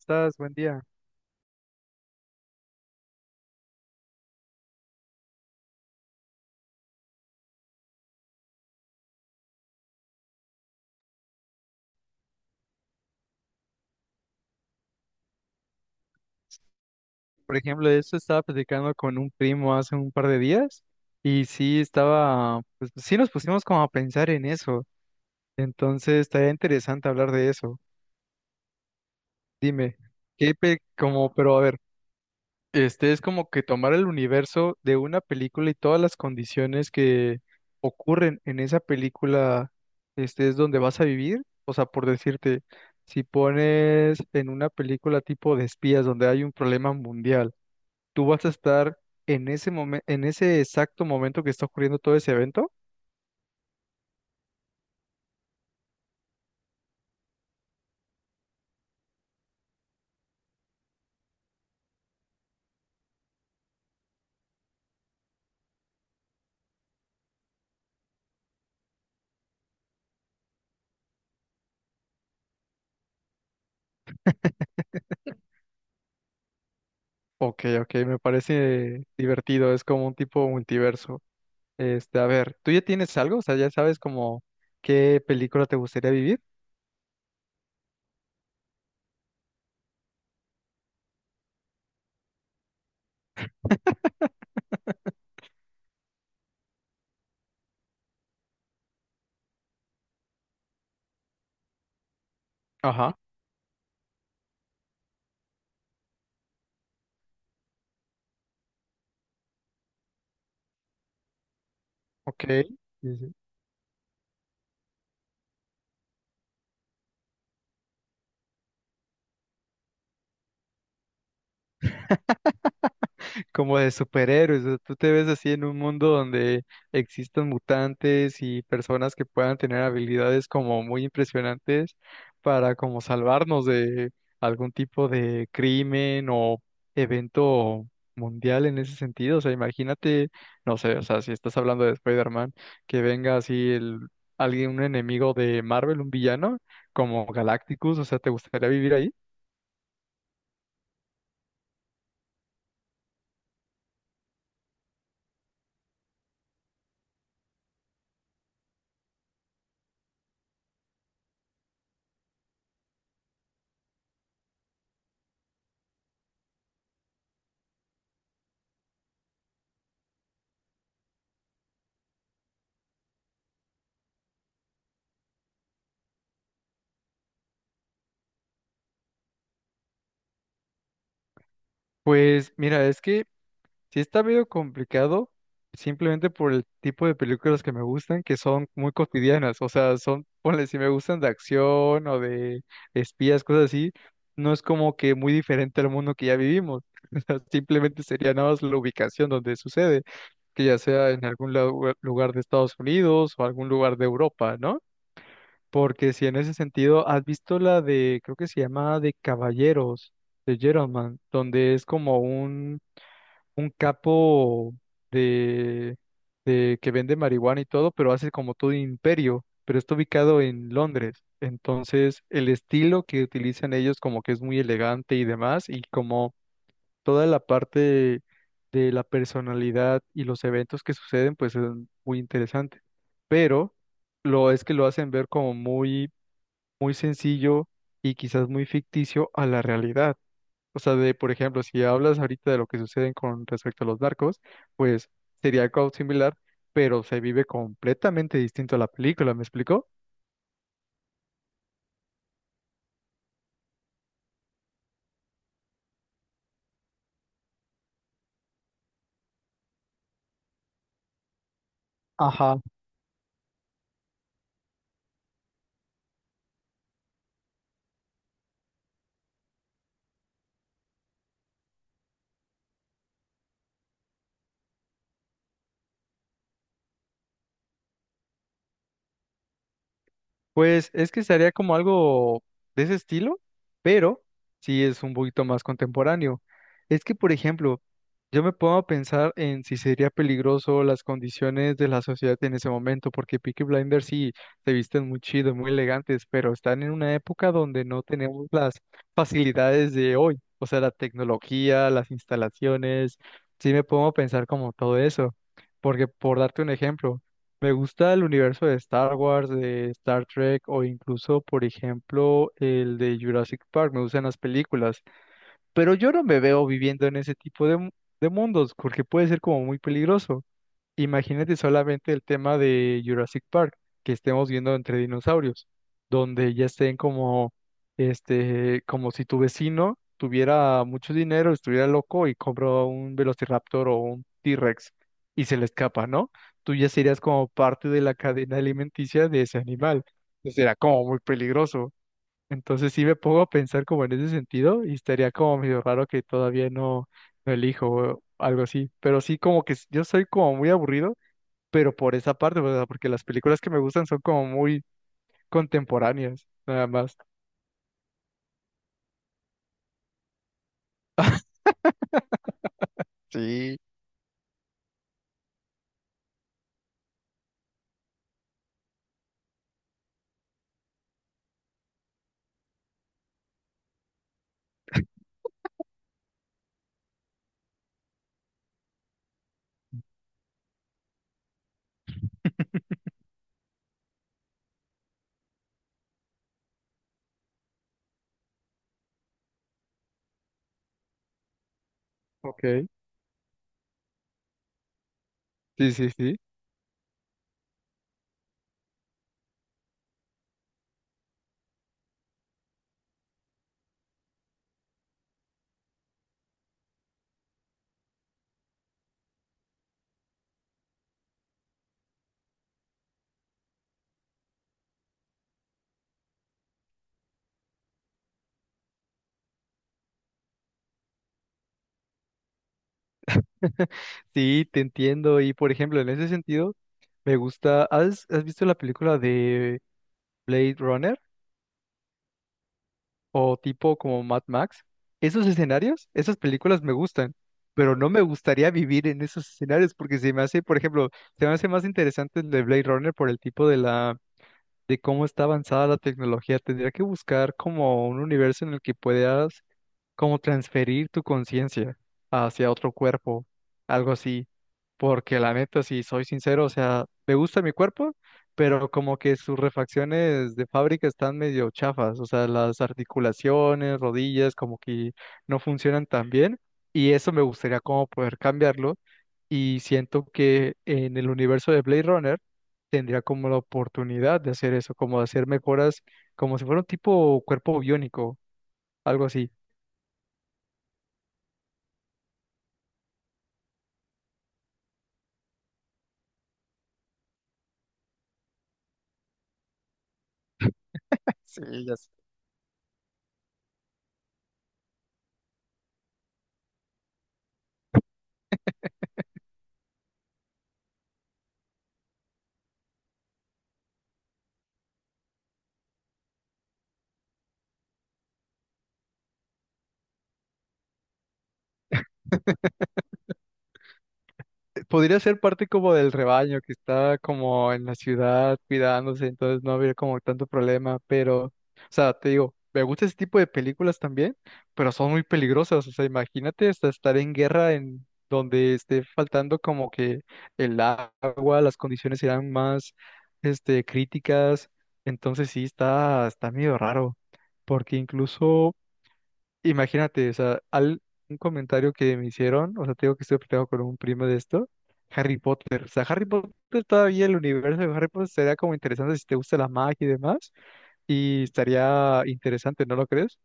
Estás, buen día. Por ejemplo, eso estaba platicando con un primo hace un par de días y sí estaba, pues sí nos pusimos como a pensar en eso. Entonces, estaría interesante hablar de eso. Dime, ¿qué pe- como, pero a ver, este es como que tomar el universo de una película y todas las condiciones que ocurren en esa película, este es donde vas a vivir. O sea, por decirte, si pones en una película tipo de espías donde hay un problema mundial, ¿tú vas a estar en ese momento, en ese exacto momento que está ocurriendo todo ese evento? Ok, ok, me parece divertido, es como un tipo multiverso. Este, a ver, ¿tú ya tienes algo? O sea, ya sabes como qué película te gustaría vivir. Ajá, ok. Sí, sí, como de superhéroes. O sea, tú te ves así en un mundo donde existan mutantes y personas que puedan tener habilidades como muy impresionantes para como salvarnos de algún tipo de crimen o evento mundial en ese sentido. O sea, imagínate, no sé, o sea, si estás hablando de Spider-Man, que venga así el alguien, un enemigo de Marvel, un villano, como Galacticus, o sea, ¿te gustaría vivir ahí? Pues mira, es que sí está medio complicado, simplemente por el tipo de películas que me gustan, que son muy cotidianas, o sea, son, ponle, si me gustan de acción o de espías, cosas así, no es como que muy diferente al mundo que ya vivimos, o sea, simplemente sería nada más la ubicación donde sucede, que ya sea en algún lugar de Estados Unidos o algún lugar de Europa, ¿no? Porque si en ese sentido, ¿has visto la de, creo que se llama de Caballeros, de Gentleman, donde es como un capo de, de que vende marihuana y todo, pero hace como todo un imperio, pero está ubicado en Londres? Entonces, el estilo que utilizan ellos como que es muy elegante y demás, y como toda la parte de la personalidad y los eventos que suceden, pues es muy interesante. Pero lo es que lo hacen ver como muy, muy sencillo y quizás muy ficticio a la realidad. O sea, de, por ejemplo, si hablas ahorita de lo que sucede con respecto a los narcos, pues sería algo similar, pero se vive completamente distinto a la película, ¿me explico? Pues es que sería como algo de ese estilo, pero sí es un poquito más contemporáneo. Es que, por ejemplo, yo me pongo a pensar en si sería peligroso las condiciones de la sociedad en ese momento, porque Peaky Blinders sí se visten muy chidos, muy elegantes, pero están en una época donde no tenemos las facilidades de hoy, o sea, la tecnología, las instalaciones, sí me pongo a pensar como todo eso, porque por darte un ejemplo. Me gusta el universo de Star Wars, de Star Trek o incluso, por ejemplo, el de Jurassic Park. Me gustan las películas, pero yo no me veo viviendo en ese tipo de, de mundos porque puede ser como muy peligroso. Imagínate solamente el tema de Jurassic Park, que estemos viendo entre dinosaurios, donde ya estén como, este, como si tu vecino tuviera mucho dinero, estuviera loco y compró un Velociraptor o un T-Rex y se le escapa, ¿no? Tú ya serías como parte de la cadena alimenticia de ese animal. Entonces era como muy peligroso. Entonces sí me pongo a pensar como en ese sentido y estaría como medio raro que todavía no, no elijo o algo así. Pero sí como que yo soy como muy aburrido pero por esa parte, o sea, porque las películas que me gustan son como muy contemporáneas, nada más. Sí, ok. Sí, sí, sí. Sí, te entiendo. Y por ejemplo, en ese sentido, me gusta. ¿Has visto la película de Blade Runner o tipo como Mad Max? Esos escenarios, esas películas me gustan, pero no me gustaría vivir en esos escenarios porque se me hace, por ejemplo, se me hace más interesante el de Blade Runner por el tipo de la de cómo está avanzada la tecnología, tendría que buscar como un universo en el que puedas como transferir tu conciencia hacia otro cuerpo, algo así. Porque la neta, si soy sincero, o sea, me gusta mi cuerpo, pero como que sus refacciones de fábrica están medio chafas, o sea, las articulaciones, rodillas, como que no funcionan tan bien. Y eso me gustaría como poder cambiarlo. Y siento que en el universo de Blade Runner, tendría como la oportunidad de hacer eso, como hacer mejoras, como si fuera un tipo cuerpo biónico, algo así. Sí, ya sé. Podría ser parte como del rebaño que está como en la ciudad cuidándose, entonces no habría como tanto problema, pero, o sea, te digo, me gusta ese tipo de películas también, pero son muy peligrosas, o sea, imagínate hasta estar en guerra en donde esté faltando como que el agua, las condiciones eran más este, críticas, entonces sí está, está medio raro, porque incluso, imagínate, o sea, al, un comentario que me hicieron, o sea, tengo que estoy platicando con un primo de esto, Harry Potter, o sea, Harry Potter todavía el universo de Harry Potter sería como interesante si te gusta la magia y demás, y estaría interesante, ¿no lo crees?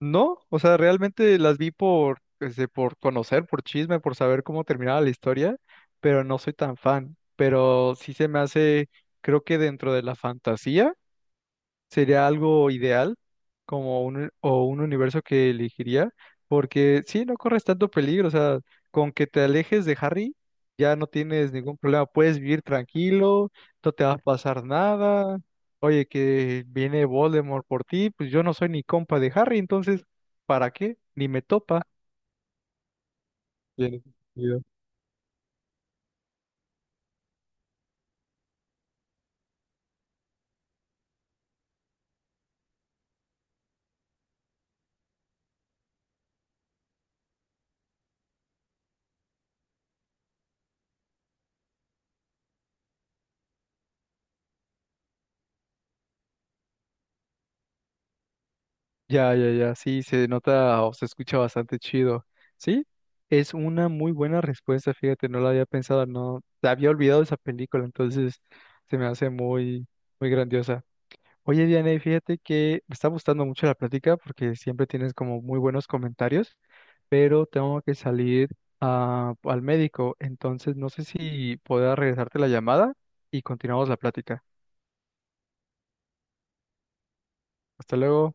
No, o sea, realmente las vi por, este, por conocer, por chisme, por saber cómo terminaba la historia, pero no soy tan fan. Pero sí se me hace, creo que dentro de la fantasía sería algo ideal como un, o un universo que elegiría, porque sí, no corres tanto peligro, o sea, con que te alejes de Harry ya no tienes ningún problema, puedes vivir tranquilo, no te va a pasar nada, oye, que viene Voldemort por ti, pues yo no soy ni compa de Harry, entonces, ¿para qué? Ni me topa. Tiene sentido. Ya, ya, ya, sí, se nota o se escucha bastante chido. Sí, es una muy buena respuesta, fíjate, no la había pensado, no, la había olvidado esa película, entonces se me hace muy, muy grandiosa. Oye, Diana, y fíjate que me está gustando mucho la plática porque siempre tienes como muy buenos comentarios, pero tengo que salir al médico, entonces no sé si pueda regresarte la llamada y continuamos la plática. Hasta luego.